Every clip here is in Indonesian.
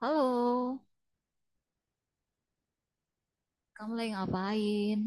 Halo, kamu lagi ngapain?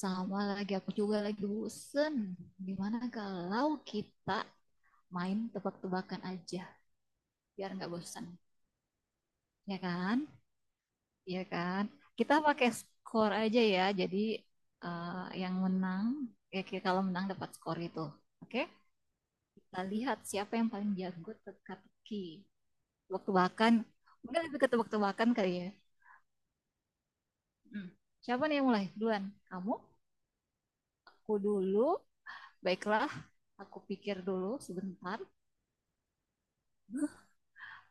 Sama lagi, aku juga lagi bosen. Gimana kalau kita main tebak-tebakan aja, biar nggak bosan. Ya kan? Iya kan? Kita pakai skor aja ya, jadi eh, yang menang, ya kalau menang dapat skor itu. Oke? Kita lihat siapa yang paling jago teka-teki. Tebak-tebakan, mungkin lebih ke tebak-tebakan kali ya. Hmm. Siapa nih yang mulai? Duluan, kamu? Aku dulu. Baiklah, aku pikir dulu sebentar.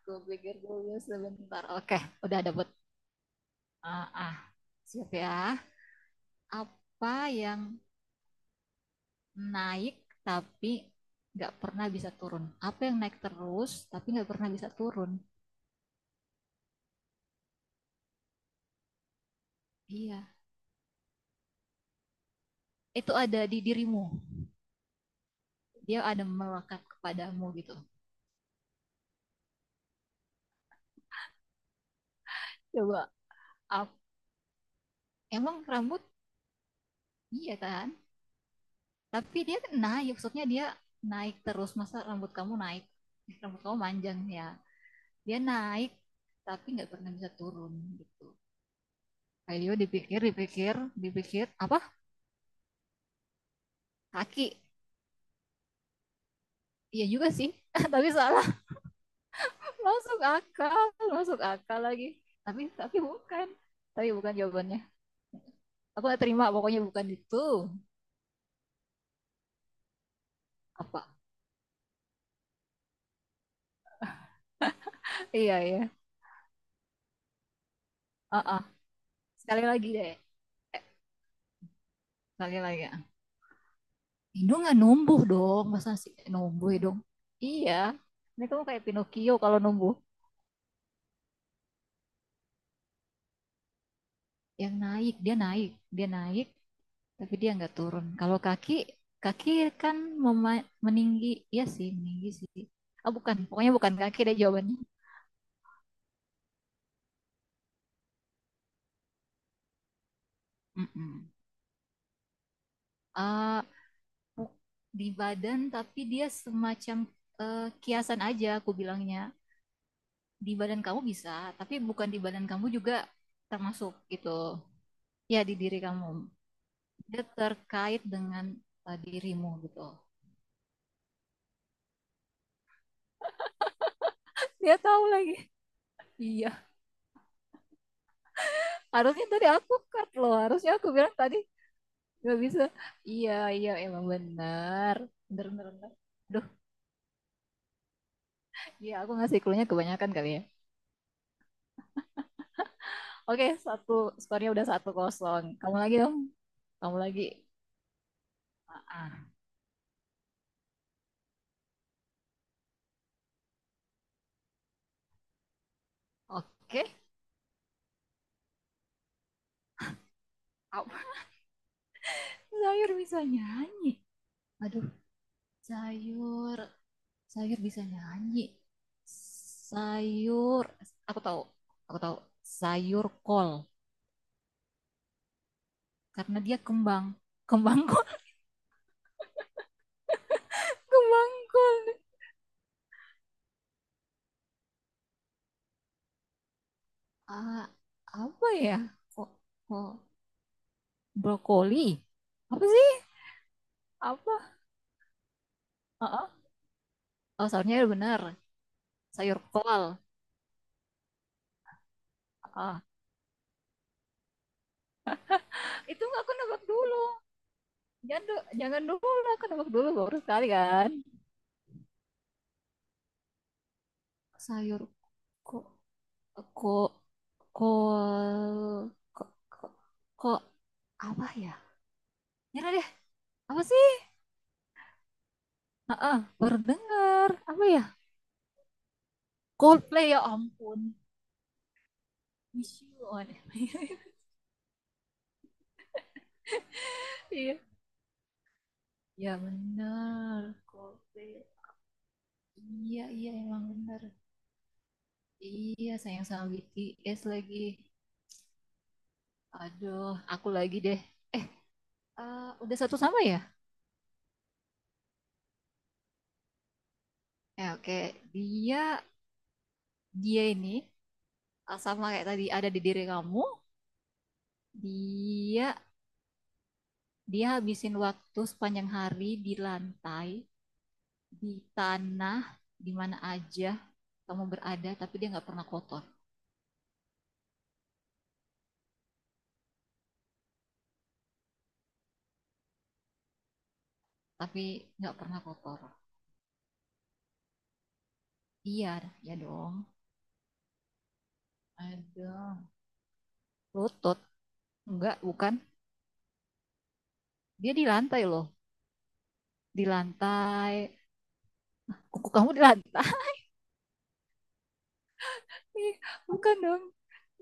Aku pikir dulu sebentar. Oke, udah dapet. Ah, ah, siap ya. Apa yang naik tapi nggak pernah bisa turun? Apa yang naik terus tapi nggak pernah bisa turun? Iya, itu ada di dirimu. Dia ada melekat kepadamu gitu. Coba. ap- Emang rambut? Iya kan? Tapi dia naik, maksudnya dia naik terus. Masa rambut kamu naik? Rambut kamu panjang ya. Dia naik tapi nggak pernah bisa turun gitu. Paleo dipikir dipikir dipikir apa kaki iya juga sih tapi salah masuk akal masuk akal lagi tapi bukan jawabannya aku nggak terima pokoknya bukan itu apa iya iya ah ah. Sekali lagi deh sekali lagi ah. Indo nggak numbuh dong masa sih numbuh ya dong iya ini kamu kayak Pinocchio kalau numbuh yang naik dia naik dia naik tapi dia nggak turun. Kalau kaki, kaki kan meninggi, ya sih, meninggi sih. Ah bukan, pokoknya bukan kaki deh jawabannya. Mm-mm. Ah, bu- di badan, tapi dia semacam kiasan aja, aku bilangnya. Di badan kamu bisa, tapi bukan di badan kamu juga termasuk gitu. Ya di diri kamu. Dia terkait dengan dirimu gitu. Dia tahu lagi. Iya, harusnya tadi aku cut loh. Harusnya aku bilang tadi gak bisa. Iya, iya, emang benar. Bener, bener, bener. Duh, iya aku ngasih clue-nya kebanyakan kali ya. Oke, skornya udah satu kosong. Kamu lagi dong, kamu lagi. Ah, oke. Apa sayur bisa nyanyi? Aduh, sayur, sayur bisa nyanyi. Sayur, aku tahu, aku tahu. Sayur kol, karena dia kembang, kembang kol, kembang kol. Ah, apa ya? Kok, kok, brokoli apa sih apa Heeh. Oh sayurnya benar sayur kol Heeh. Itu nggak aku nebak dulu jangan jangan dulu aku nebak dulu baru sekali kan sayur kok kok kol kok kok kok apa ya nyerah deh apa sih Heeh, baru dengar apa ya Coldplay ya ampun wish you on iya ya benar Coldplay iya iya emang benar Iya, sayang sama BTS lagi. Aduh, aku lagi deh. Eh, udah satu sama ya? Ya, oke. Dia, dia ini sama kayak tadi ada di diri kamu. Dia, dia habisin waktu sepanjang hari di lantai, di tanah, di mana aja kamu berada, tapi dia nggak pernah kotor. Tapi nggak pernah kotor. Iya, ya dong. Aduh, lutut. Enggak, bukan. Dia di lantai loh. Di lantai, kuku kamu di lantai bukan dong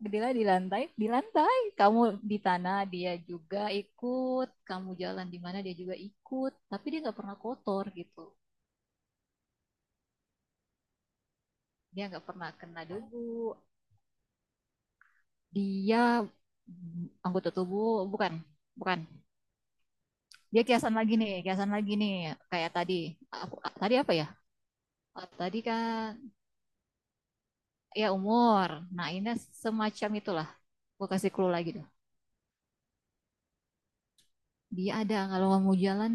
Gedela di lantai kamu di tanah dia juga ikut kamu jalan di mana dia juga ikut tapi dia nggak pernah kotor gitu dia nggak pernah kena debu dia anggota tubuh bukan bukan dia kiasan lagi nih kayak tadi aku tadi apa ya tadi kan ya umur nah ini semacam itulah gue kasih clue lagi Dia ada kalau mau jalan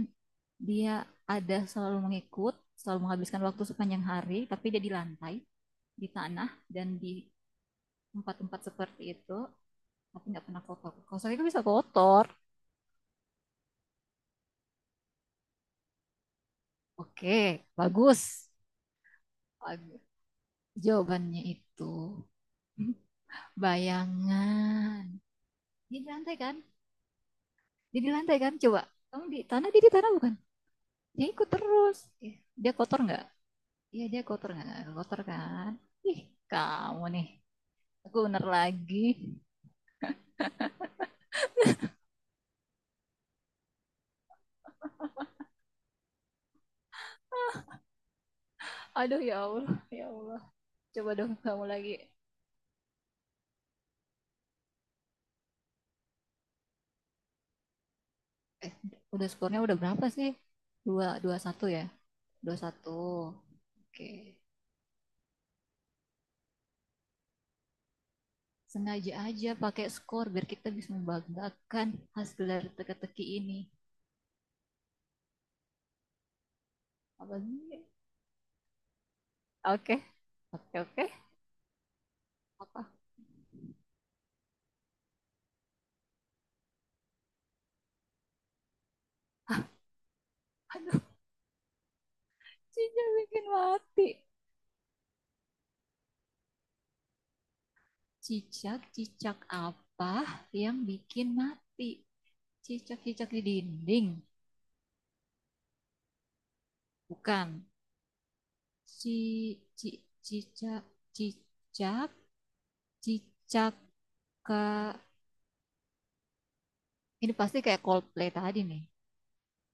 dia ada selalu mengikut, selalu menghabiskan waktu sepanjang hari, tapi dia di lantai, di tanah dan di tempat-tempat seperti itu, tapi nggak pernah kotor. Kotor itu bisa kotor. Oke, bagus. Bagus. Jawabannya itu bayangan. Dia di lantai kan? Dia di lantai kan? Coba. Kamu di tanah, dia di tanah bukan? Dia ikut terus. Dia kotor nggak? Iya, dia kotor. Nggak kotor kan? Ih, kamu nih. Aku bener lagi. Aduh ya Allah, ya Allah. Coba dong kamu lagi. Eh, udah skornya udah berapa sih? Dua satu ya? Dua satu. Oke. Sengaja aja pakai skor biar kita bisa membanggakan hasil dari teka-teki ini. Apa sih? Oke, oke, oke. Apa? Aduh, cicak bikin mati. Cicak, cicak apa yang bikin mati? Cicak-cicak di dinding? Bukan. Ci ci cicak cicak cicaka ini pasti kayak Coldplay tadi nih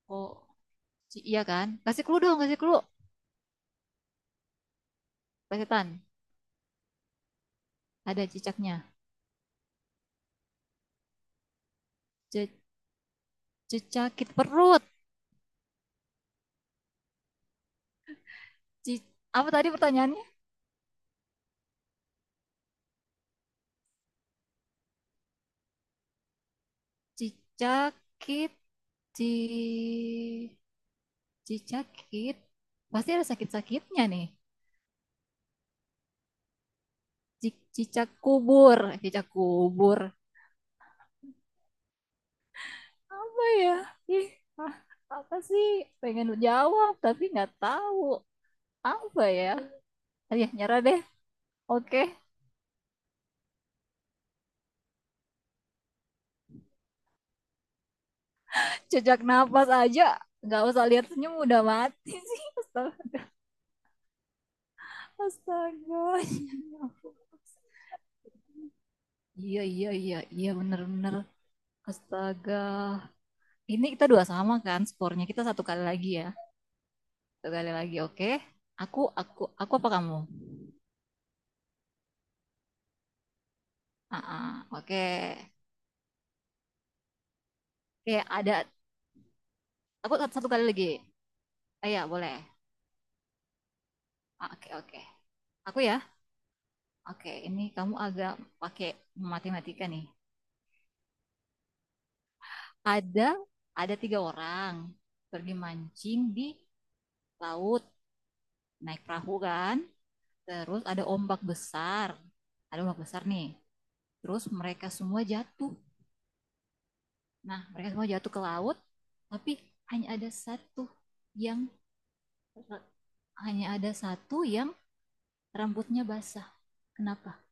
oh iya kan kasih clue dong kasih clue Pak ada cicaknya Ce, cicakit perut ci, apa tadi pertanyaannya cicakit ci cicakit pasti ada sakit-sakitnya nih cicak kubur cicak kubur apa ya ih ah, apa sih pengen jawab tapi nggak tahu apa ya Ah, ya nyerah deh oke jejak napas aja nggak usah lihat senyum udah mati sih astaga astaga iya iya iya iya bener bener astaga ini kita dua sama kan skornya kita satu kali lagi ya satu kali lagi oke aku apa kamu ah ah, oke oke ada aku satu kali lagi Iya, boleh. Ah, oke, oke. Aku ya. Oke, ini kamu agak pakai matematika nih. Ada ada tiga orang pergi mancing di laut naik perahu kan. Terus ada ombak besar. Ada ombak besar nih. Terus mereka semua jatuh. Nah, mereka semua jatuh ke laut, tapi hanya ada satu yang hanya ada satu yang rambutnya basah. Kenapa?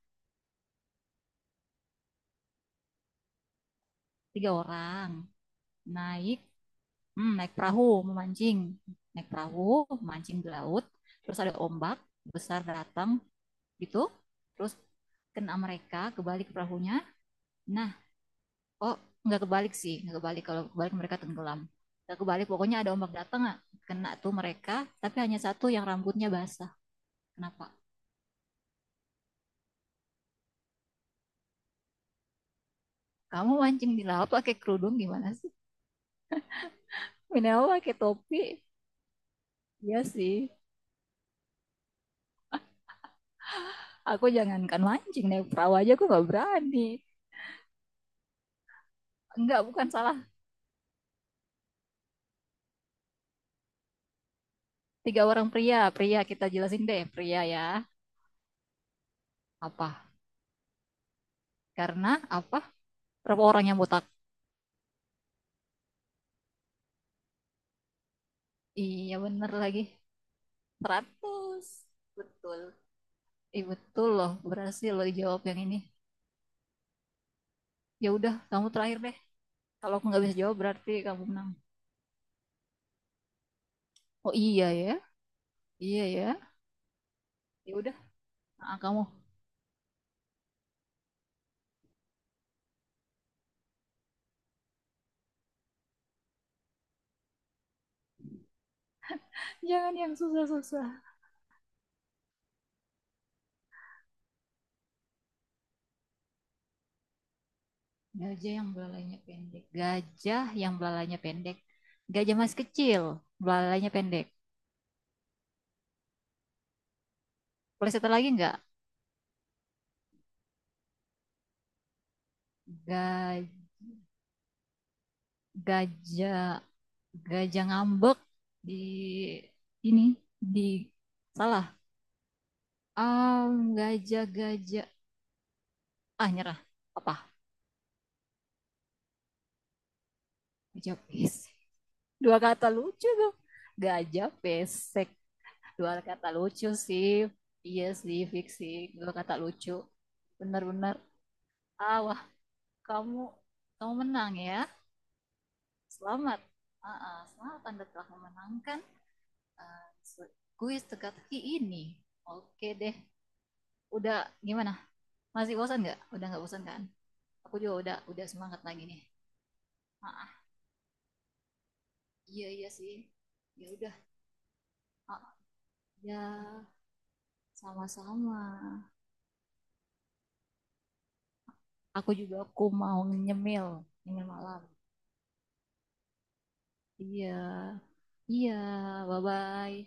Tiga orang naik naik perahu, memancing. Naik perahu, mancing di laut. Terus ada ombak besar datang gitu. Terus kena mereka, kebalik perahunya. Nah, oh nggak kebalik sih, nggak kebalik. Kalau kebalik mereka tenggelam. Nggak kebalik, pokoknya ada ombak datang, ah, kena tuh mereka. Tapi hanya satu yang rambutnya basah. Kenapa? Kamu mancing di laut pakai kerudung gimana sih? Minimal pakai topi. Iya sih. Aku jangankan mancing naik perahu aja aku nggak berani. Enggak, bukan salah Tiga orang pria, pria kita jelasin deh, pria ya. Apa? Karena apa? Berapa orang yang botak? Iya bener lagi. 100 Betul. Iya betul loh, berhasil lo dijawab yang ini. Ya udah, kamu terakhir deh. Kalau aku nggak bisa jawab berarti kamu menang. Oh iya ya, iya ya. Ya udah, nah, kamu. Jangan yang susah-susah. Gajah yang belalainya pendek. Gajah yang belalainya pendek. Gajah masih kecil, belalainya pendek. Boleh satu lagi nggak? Ga- gajah Gajah ngambek di ini di salah. Ah, gajah-gajah. Ah, nyerah. Apa? Gajah pesek. Dua kata lucu tuh. Gajah pesek. Dua kata lucu sih. Iya sih, fiksi. Dua kata lucu. Benar-benar. Ah, wah, kamu kamu menang ya. Selamat. Selamat Anda telah memenangkan eh, kuis teka-teki ini. Oke deh. Udah gimana? Masih bosan nggak? Udah nggak bosan kan? Aku juga udah semangat lagi nih. Ah, iya iya sih. Ya udah. Ah, ya sama-sama. Aku juga aku mau nyemil, nyemil malam. Iya. Iya, bye-bye.